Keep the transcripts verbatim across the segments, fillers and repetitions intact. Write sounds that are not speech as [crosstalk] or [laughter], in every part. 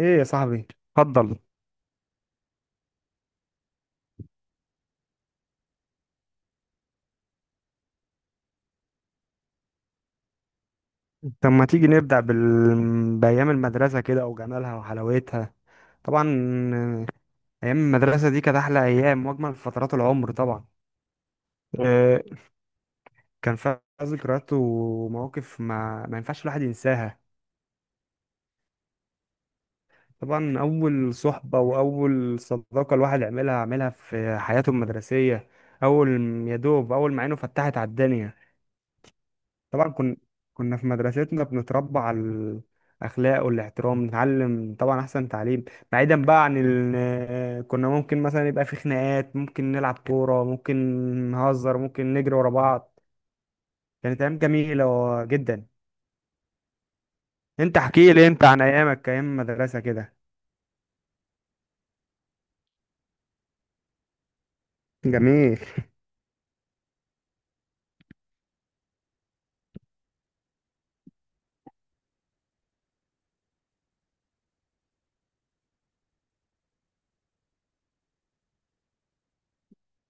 ايه يا صاحبي، اتفضل. طب ما تيجي نبدأ بال... بأيام المدرسة كده وجمالها وحلاوتها؟ طبعا. آه، أيام المدرسة دي كانت أحلى أيام وأجمل فترات العمر طبعا. آه، كان فيها ذكريات ومواقف ما... ما ينفعش الواحد ينساها. طبعا أول صحبة وأول صداقة الواحد عملها عملها في حياته المدرسية، أول م- يا دوب أول ما عينه فتحت على الدنيا. طبعا كنا كنا في مدرستنا بنتربى على الاخلاق والاحترام، نتعلم طبعا احسن تعليم، بعيدا بقى عن ال... [hesitation] كنا ممكن مثلا يبقى في خناقات، ممكن نلعب كوره، ممكن نهزر، ممكن نجري ورا بعض. كانت ايام جميله جدا. انت احكي لي انت عن ايامك، ايام مدرسه كده. جميل.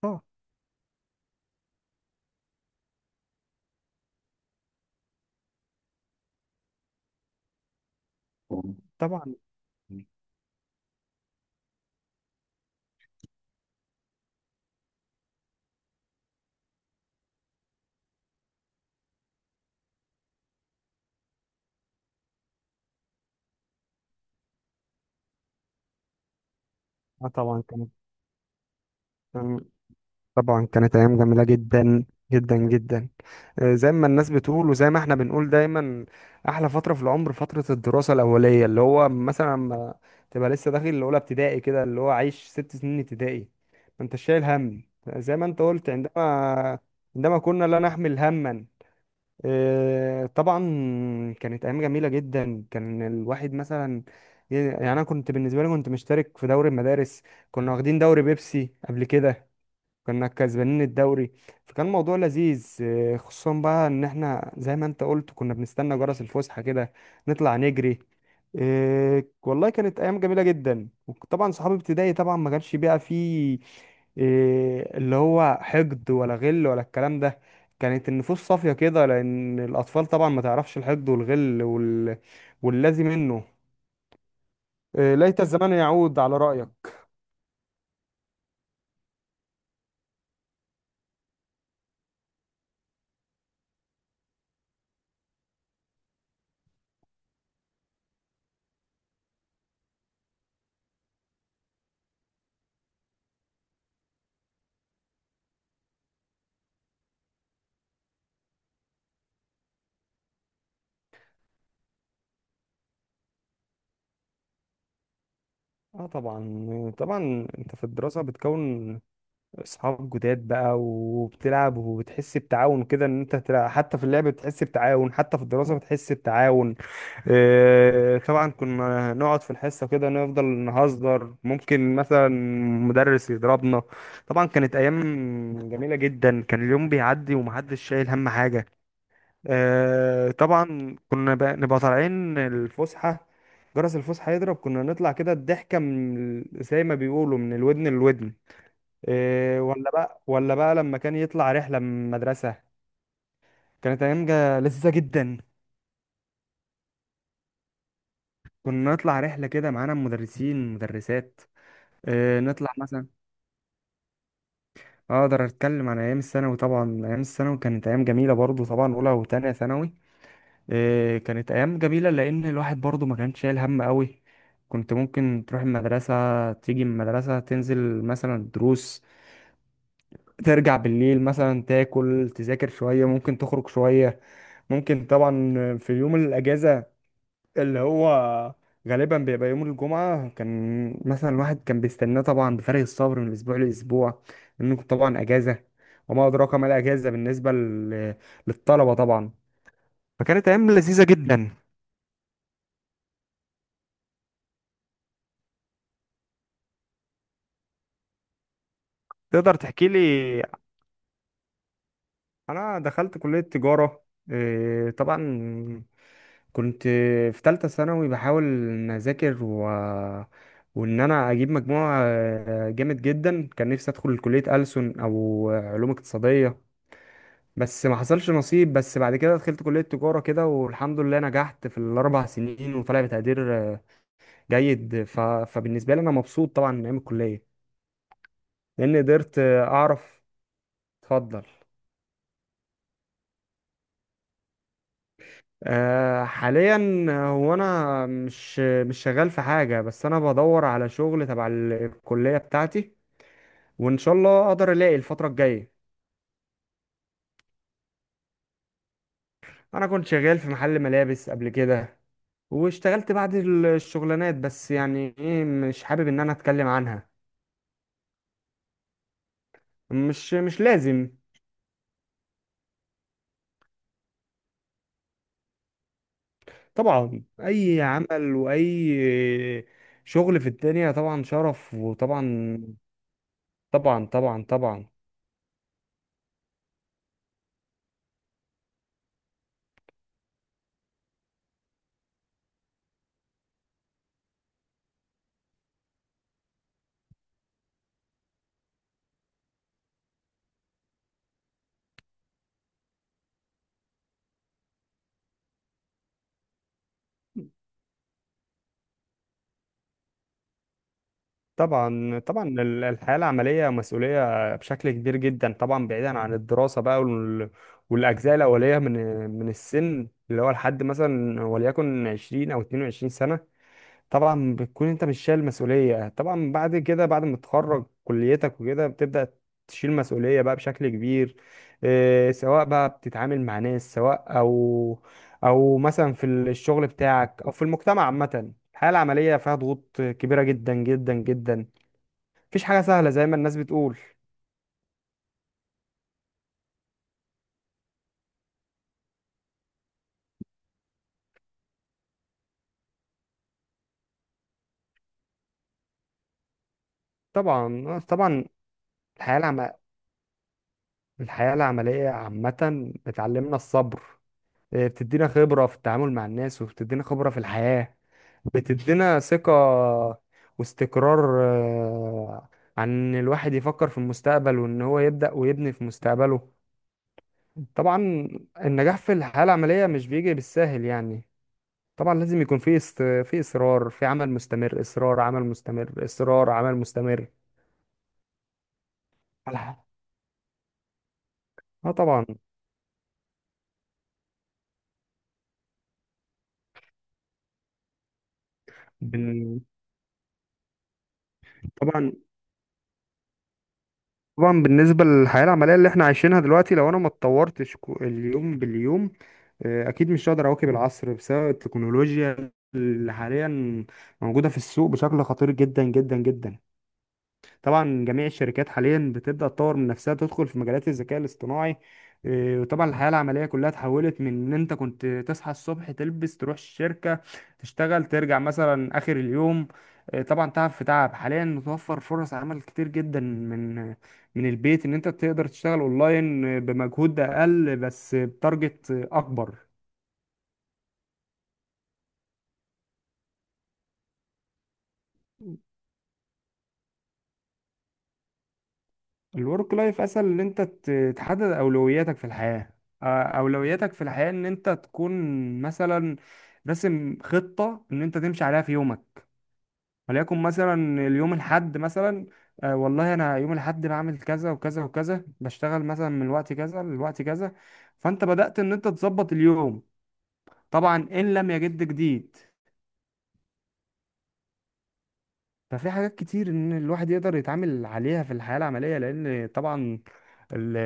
اه طبعا. اه طبعا كانت آه طبعا كانت ايام جميله جدا جدا جدا. آه، زي ما الناس بتقول وزي ما احنا بنقول دايما، احلى فتره في العمر، فتره الدراسه الاوليه، اللي هو مثلا لما تبقى لسه داخل الاولى ابتدائي كده، اللي هو عايش ست سنين ابتدائي، ما انت شايل هم. زي ما انت قلت، عندما عندما كنا لا نحمل هما. آه، طبعا كانت ايام جميله جدا، كان الواحد مثلا، يعني انا كنت بالنسبه لي كنت مشترك في دوري المدارس، كنا واخدين دوري بيبسي قبل كده، كنا كسبانين الدوري، فكان موضوع لذيذ. آه، خصوصا بقى ان احنا زي ما انت قلت كنا بنستنى جرس الفسحة كده، نطلع نجري. آه، والله كانت ايام جميلة جدا، وطبعا صحابي ابتدائي طبعا ما كانش بقى فيه، آه، اللي هو حقد ولا غل ولا الكلام ده. كانت النفوس صافية كده لان الاطفال طبعا ما تعرفش الحقد والغل وال... واللازم منه. آه، ليت الزمان يعود على رأيك. اه طبعا. آه، طبعا انت في الدراسة بتكون اصحاب جداد بقى، وبتلعب وبتحس بتعاون كده، ان انت تلعب حتى في اللعب بتحس بتعاون، حتى في الدراسة بتحس بتعاون. إيه، طبعا كنا نقعد في الحصة كده، نفضل نهزر ممكن مثلا مدرس يضربنا. طبعا كانت ايام جميلة جدا، كان اليوم بيعدي ومحدش شايل هم حاجة. إيه، طبعا كنا بقى نبقى طالعين الفسحة، جرس الفسحة يضرب، كنا نطلع كده الضحكة من ال- زي ما بيقولوا من الودن للودن. إيه، ولا بقى ولا بقى لما كان يطلع رحلة من المدرسة، كانت أيام جا- لذيذة جدا. كنا نطلع رحلة كده معانا مدرسين مدرسات. إيه، نطلع مثلا. أقدر أتكلم عن أيام الثانوي. طبعا أيام الثانوي كانت أيام جميلة برضو، طبعا أولى وتانية ثانوي. إيه، كانت أيام جميلة لأن الواحد برضو ما كانش شايل هم قوي. كنت ممكن تروح المدرسة، تيجي من المدرسة، تنزل مثلا دروس، ترجع بالليل مثلا، تاكل، تذاكر شوية، ممكن تخرج شوية، ممكن طبعا. في يوم الأجازة اللي هو غالبا بيبقى يوم الجمعة، كان مثلا الواحد كان بيستناه طبعا بفارغ الصبر من أسبوع لأسبوع، لأنه كنت طبعا أجازة، وما أدراك ما الأجازة بالنسبة لل- للطلبة طبعا. فكانت أيام لذيذة جدا. تقدر تحكي لي. أنا دخلت كلية تجارة. إيه، طبعا كنت في تالتة ثانوي، بحاول إن أذاكر و... وإن أنا أجيب مجموع آه، جامد جدا. كان نفسي أدخل كلية ألسن أو علوم اقتصادية، بس ما حصلش نصيب. بس بعد كده دخلت كلية تجارة كده، والحمد لله نجحت في الأربع سنين، وطلع بتقدير آه، جيد. ف... فبالنسبة لي أنا مبسوط طبعا من أيام الكلية، لأن قدرت آه، أعرف. اتفضل. أه حاليا، هو انا مش مش شغال في حاجه، بس انا بدور على شغل تبع الكليه بتاعتي، وان شاء الله اقدر الاقي الفتره الجايه. انا كنت شغال في محل ملابس قبل كده، واشتغلت بعض ال- الشغلانات، بس يعني ايه، مش حابب ان انا اتكلم عنها. مش مش لازم. طبعا اي عمل واي شغل في الدنيا طبعا شرف، وطبعا. طبعا طبعا طبعا طبعا طبعا ال- الحياة العملية مسؤولية بشكل كبير جدا طبعا، بعيدا عن الدراسة بقى وال- والأجزاء الأولية من من السن، اللي هو لحد مثلا وليكن عشرين أو اتنين وعشرين سنة. طبعا بتكون أنت مش شايل مسؤولية. طبعا بعد كده بعد ما تتخرج كليتك وكده، بتبدأ تشيل مسؤولية بقى بشكل كبير. إيه، سواء بقى بتتعامل مع ناس، سواء أو أو مثلا في الشغل بتاعك أو في المجتمع عامة. الحياة العملية فيها ضغوط كبيرة جدا جدا جدا، مفيش حاجة سهلة زي ما الناس بتقول. طبعا. آه، طبعا الحياة العم... الحياة العملية عامة بتعلمنا الصبر. إيه، بتدينا خبرة في التعامل مع الناس، وبتدينا خبرة في الحياة، بتدينا ثقة واستقرار. آه، عن إن الواحد يفكر في المستقبل، وإن هو يبدأ ويبني في مستقبله. طبعا النجاح في الحياة العملية مش بيجي بالساهل يعني. طبعا لازم يكون في است... في إصرار، في عمل مستمر، إصرار عمل مستمر، إصرار عمل مستمر على الح- اه طبعا. بن- طبعا. طبعا بالنسبة للحياة العملية اللي احنا عايشينها دلوقتي، لو انا ما اتطورتش كو- اليوم باليوم، آه، اكيد مش هقدر اواكب العصر بسبب التكنولوجيا اللي حاليا موجودة في السوق بشكل خطير جدا جدا جدا. طبعا جميع الشركات حاليا بتبدأ تطور من نفسها، تدخل في مجالات الذكاء الاصطناعي. إيه، وطبعا الحياة العملية كلها اتحولت من ان انت كنت تصحى الصبح، تلبس، تروح الشركة، تشتغل، ترجع مثلا اخر اليوم. إيه، طبعا تعب في تعب. حاليا متوفر فرص عمل كتير جدا من من البيت، ان انت تقدر تشتغل اونلاين آه، بمجهود اقل بس بتارجت اكبر. الورك لايف اسهل ان انت ت- تحدد اولوياتك في الحياة. آه، اولوياتك في الحياة ان انت تكون مثلا راسم خطة ان انت تمشي عليها في يومك، وليكن مثلا اليوم الحد مثلا، آه، والله انا يوم الحد بعمل كذا وكذا وكذا، بشتغل مثلا من الوقت كذا للوقت كذا، فانت بدأت ان انت تظبط اليوم. طبعا ان لم يجد جديد. ففي حاجات كتير ان الواحد يقدر يتعامل عليها في الحياة العملية، لان طبعا ال-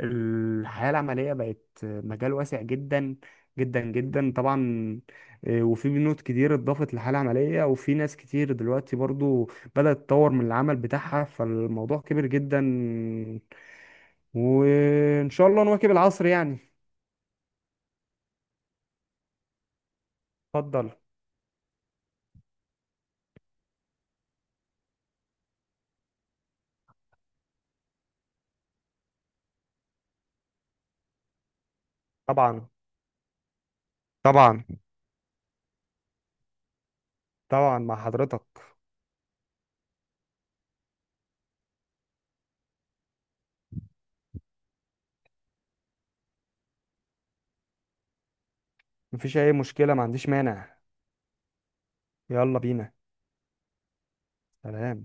الحياة العملية بقت مجال واسع جدا جدا جدا طبعا. إيه، وفي بنود كتير اتضافت للحياة العملية، وفي ناس كتير دلوقتي برضو بدأت تطور من العمل بتاعها، فالموضوع كبير جدا، وإن شاء الله نواكب العصر يعني. اتفضل. طبعا طبعا طبعا مع حضرتك. مفيش أي مشكلة، ما عنديش مانع. يلا بينا. سلام.